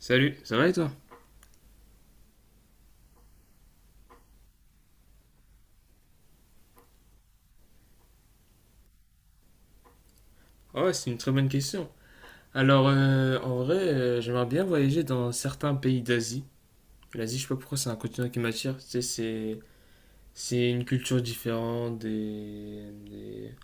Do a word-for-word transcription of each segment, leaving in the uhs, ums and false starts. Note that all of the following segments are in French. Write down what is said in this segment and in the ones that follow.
Salut, ça va et toi? Ah ouais, c'est une très bonne question. Alors, euh, en vrai, euh, j'aimerais bien voyager dans certains pays d'Asie. L'Asie, je sais pas pourquoi, c'est un continent qui m'attire. Tu sais, c'est c'est une culture différente, des, des-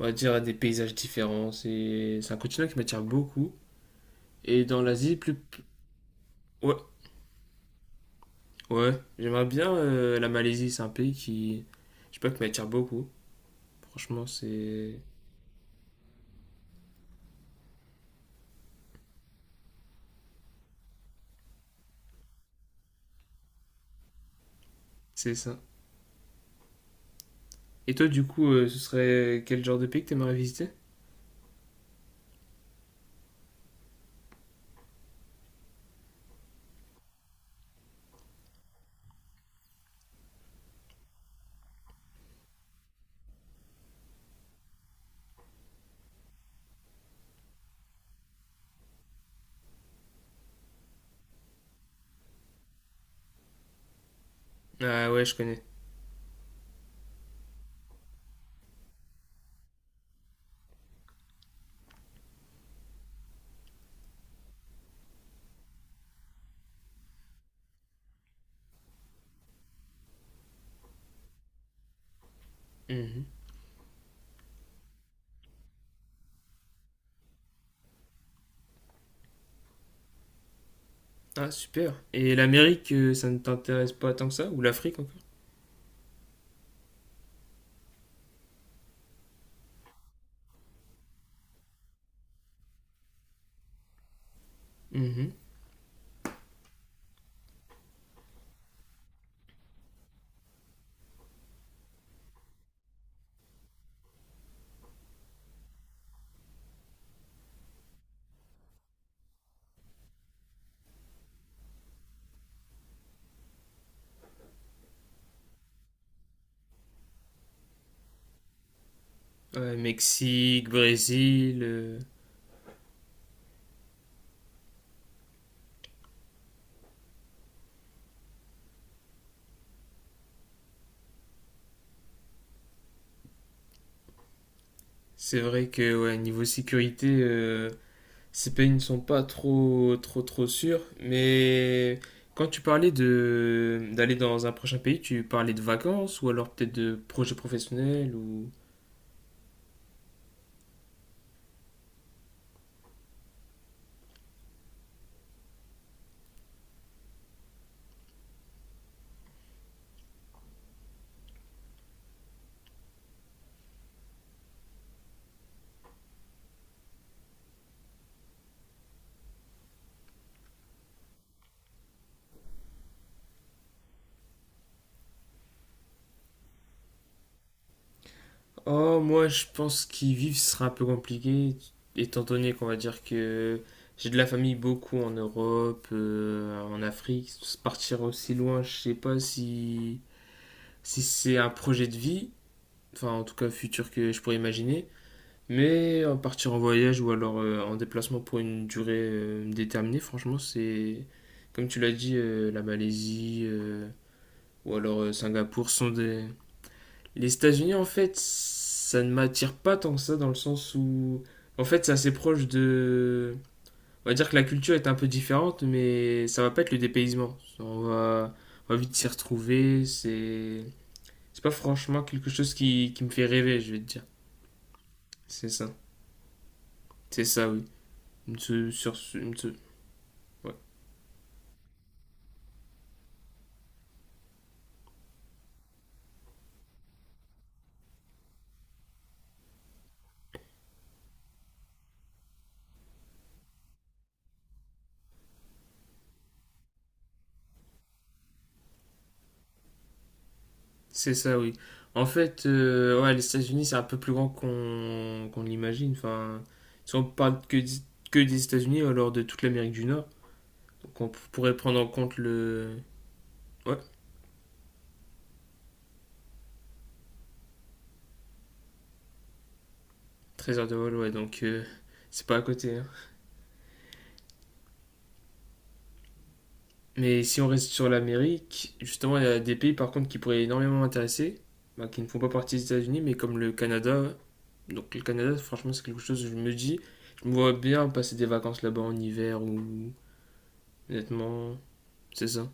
on va dire des paysages différents. C'est c'est un continent qui m'attire beaucoup. Et dans l'Asie, plus. Ouais, ouais, j'aimerais bien euh, la Malaisie. C'est un pays qui, je sais pas, qui m'attire beaucoup. Franchement, c'est c'est ça. Et toi, du coup, euh, ce serait quel genre de pays que t'aimerais visiter? Ah ouais, je connais. Mhm. Ah, super. Et l'Amérique, euh, ça ne t'intéresse pas tant que ça? Ou l'Afrique encore? Mhm. Ouais, Mexique, Brésil, euh, c'est vrai que ouais, niveau sécurité, euh, ces pays ne sont pas trop trop trop sûrs. Mais quand tu parlais de d'aller dans un prochain pays, tu parlais de vacances ou alors peut-être de projets professionnels ou... Oh, moi, je pense qu'y vivre ce sera un peu compliqué, étant donné qu'on va dire que j'ai de la famille beaucoup en Europe, euh, en Afrique. S- Partir aussi loin, je sais pas si, si c'est un projet de vie, enfin, en tout cas, futur que je pourrais imaginer. Mais euh, partir en voyage ou alors euh, en déplacement pour une durée euh, déterminée, franchement, c'est, comme tu l'as dit, euh, la Malaisie euh, ou alors euh, Singapour sont des, les États-Unis, en fait, ça ne m'attire pas tant que ça dans le sens où, en fait, c'est assez proche de. On va dire que la culture est un peu différente, mais ça va pas être le dépaysement. On va, on va vite s'y retrouver. C'est, c'est pas franchement quelque chose qui, qui me fait rêver, je vais te dire. C'est ça. C'est ça, oui. Une se- sur, une se- ouais. C'est ça, oui. En fait, euh, ouais, les États-Unis, c'est un peu plus grand qu'on qu'on l'imagine. Enfin, si on parle que, d- que des États-Unis, alors de toute l'Amérique du Nord. Donc on pourrait prendre en compte le. Ouais, treize heures de vol, ouais, donc euh, c'est pas à côté, hein. Mais si on reste sur l'Amérique, justement, il y a des pays par contre qui pourraient énormément m'intéresser, bah, qui ne font pas partie des États-Unis, mais comme le Canada. Donc le Canada, franchement, c'est quelque chose que je me dis, je me vois bien passer des vacances là-bas en hiver ou... Honnêtement, c'est ça.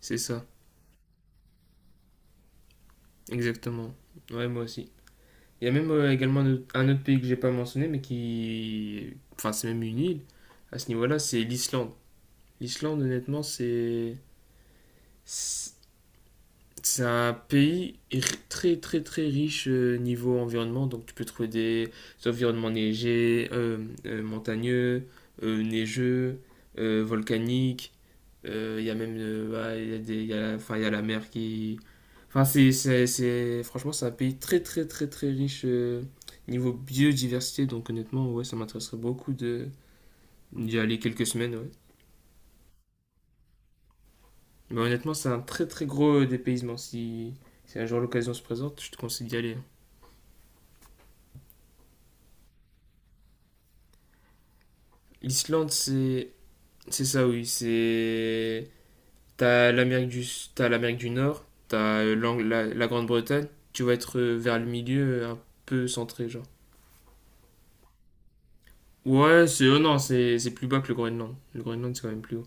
C'est ça, exactement. Ouais, moi aussi. Il y a même euh, également un autre- un autre pays que j'ai pas mentionné, mais qui... Enfin, c'est même une île à ce niveau-là, c'est l'Islande. L'Islande, honnêtement, c'est c'est un pays très très très riche euh, niveau environnement, donc tu peux trouver des environnements neigés, euh, euh, montagneux, euh, neigeux, euh, volcaniques. Euh, Il y a même euh, bah, il y a des, il y a la, enfin, il y a la mer qui... Enfin, c'est, c'est, c'est- franchement, c'est un pays très très très très riche euh, niveau biodiversité, donc honnêtement, ouais, ça m'intéresserait beaucoup de d'y aller quelques semaines, ouais. Mais honnêtement, c'est un très très gros dépaysement. Si, si un jour l'occasion se présente, je te conseille d'y aller. L'Islande, c'est c'est ça, oui. C'est t'as l'Amérique du t'as l'Amérique du Nord, t'as l'Ang- la, la Grande-Bretagne. Tu vas être euh, vers le milieu, euh, un peu centré, genre. Ouais, c'est oh non, c'est c'est plus bas que le Groenland. Le Groenland, c'est quand même plus haut.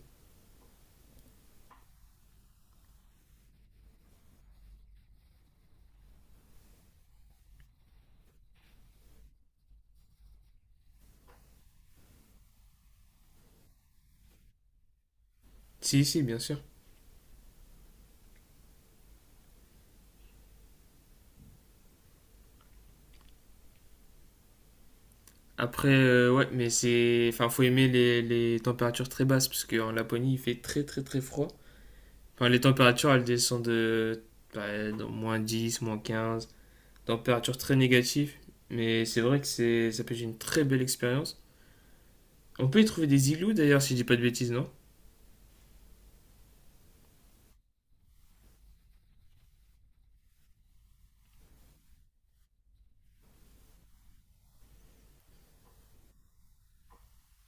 Si, si, bien sûr. Après, euh, ouais, mais c'est enfin, faut aimer les, les températures très basses parce qu'en Laponie, il fait très très très froid. Enfin, les températures, elles descendent de bah, dans moins dix moins quinze températures très négatives. Mais c'est vrai que c'est, ça peut être une très belle expérience. On peut y trouver des igloos d'ailleurs, si je dis pas de bêtises, non.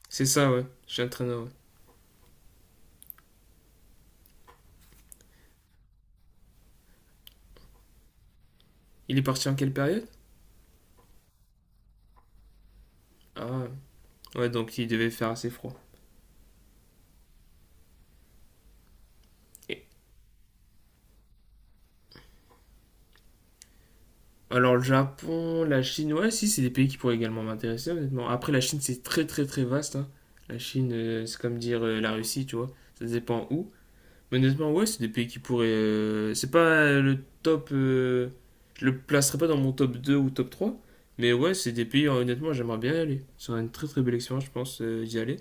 C'est ça, ouais, j'ai un traîneur. Ouais. Il est parti en quelle période? Ah, ouais, donc il devait faire assez froid. Et- Alors, le Japon, la Chine, ouais, si, c'est des pays qui pourraient également m'intéresser, honnêtement. Après, la Chine, c'est très, très, très vaste, hein. La Chine, euh, c'est comme dire euh, la Russie, tu vois. Ça dépend où. Honnêtement, ouais, c'est des pays qui pourraient. Euh, c'est pas euh, le top. Euh, je le placerai pas dans mon top deux ou top trois. Mais ouais, c'est des pays, euh, honnêtement, j'aimerais bien y aller. C'est une très très belle expérience, je pense, euh, d'y aller.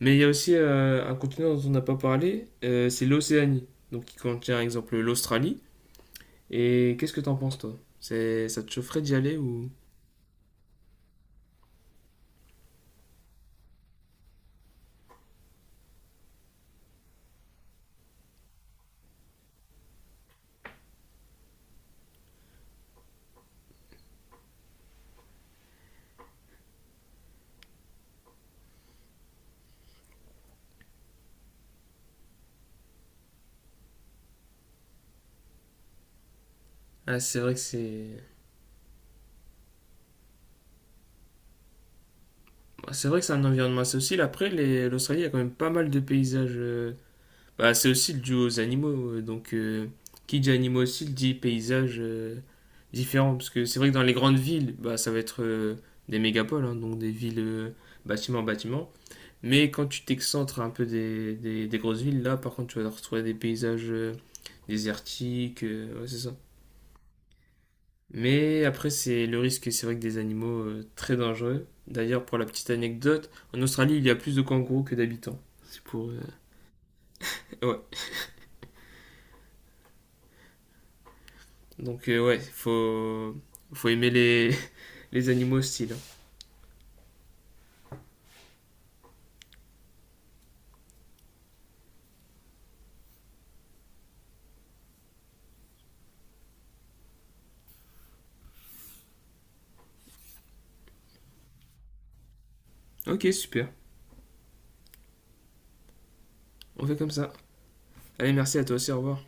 Mais il y a aussi euh, un continent dont on n'a pas parlé, euh, c'est l'Océanie. Donc qui contient, par exemple, l'Australie. Et qu'est-ce que t'en penses, toi? C'est, ça te chaufferait d'y aller ou. Ah, c'est vrai que c'est. Bah, c'est vrai que c'est un environnement assez hostile. Après, les- l'Australie, il y a quand même pas mal de paysages. euh, Bah, c'est aussi le duo aux animaux. euh, Donc, euh, qui dit animaux aussi dit paysages euh, différents. Parce que c'est vrai que dans les grandes villes, bah, ça va être euh, des mégapoles, hein, donc des villes euh, bâtiment bâtiment. Mais quand tu t'excentres un peu des, des- des grosses villes, là, par contre, tu vas retrouver des paysages euh, désertiques. Euh, ouais, c'est ça. Mais après, c'est le risque, c'est vrai que des animaux euh, très dangereux. D'ailleurs, pour la petite anecdote, en Australie, il y a plus de kangourous que d'habitants. C'est pour. euh, Ouais. Donc euh, ouais, faut, faut aimer les, les animaux hostiles. Ok, super. On fait comme ça. Allez, merci à toi aussi, au revoir.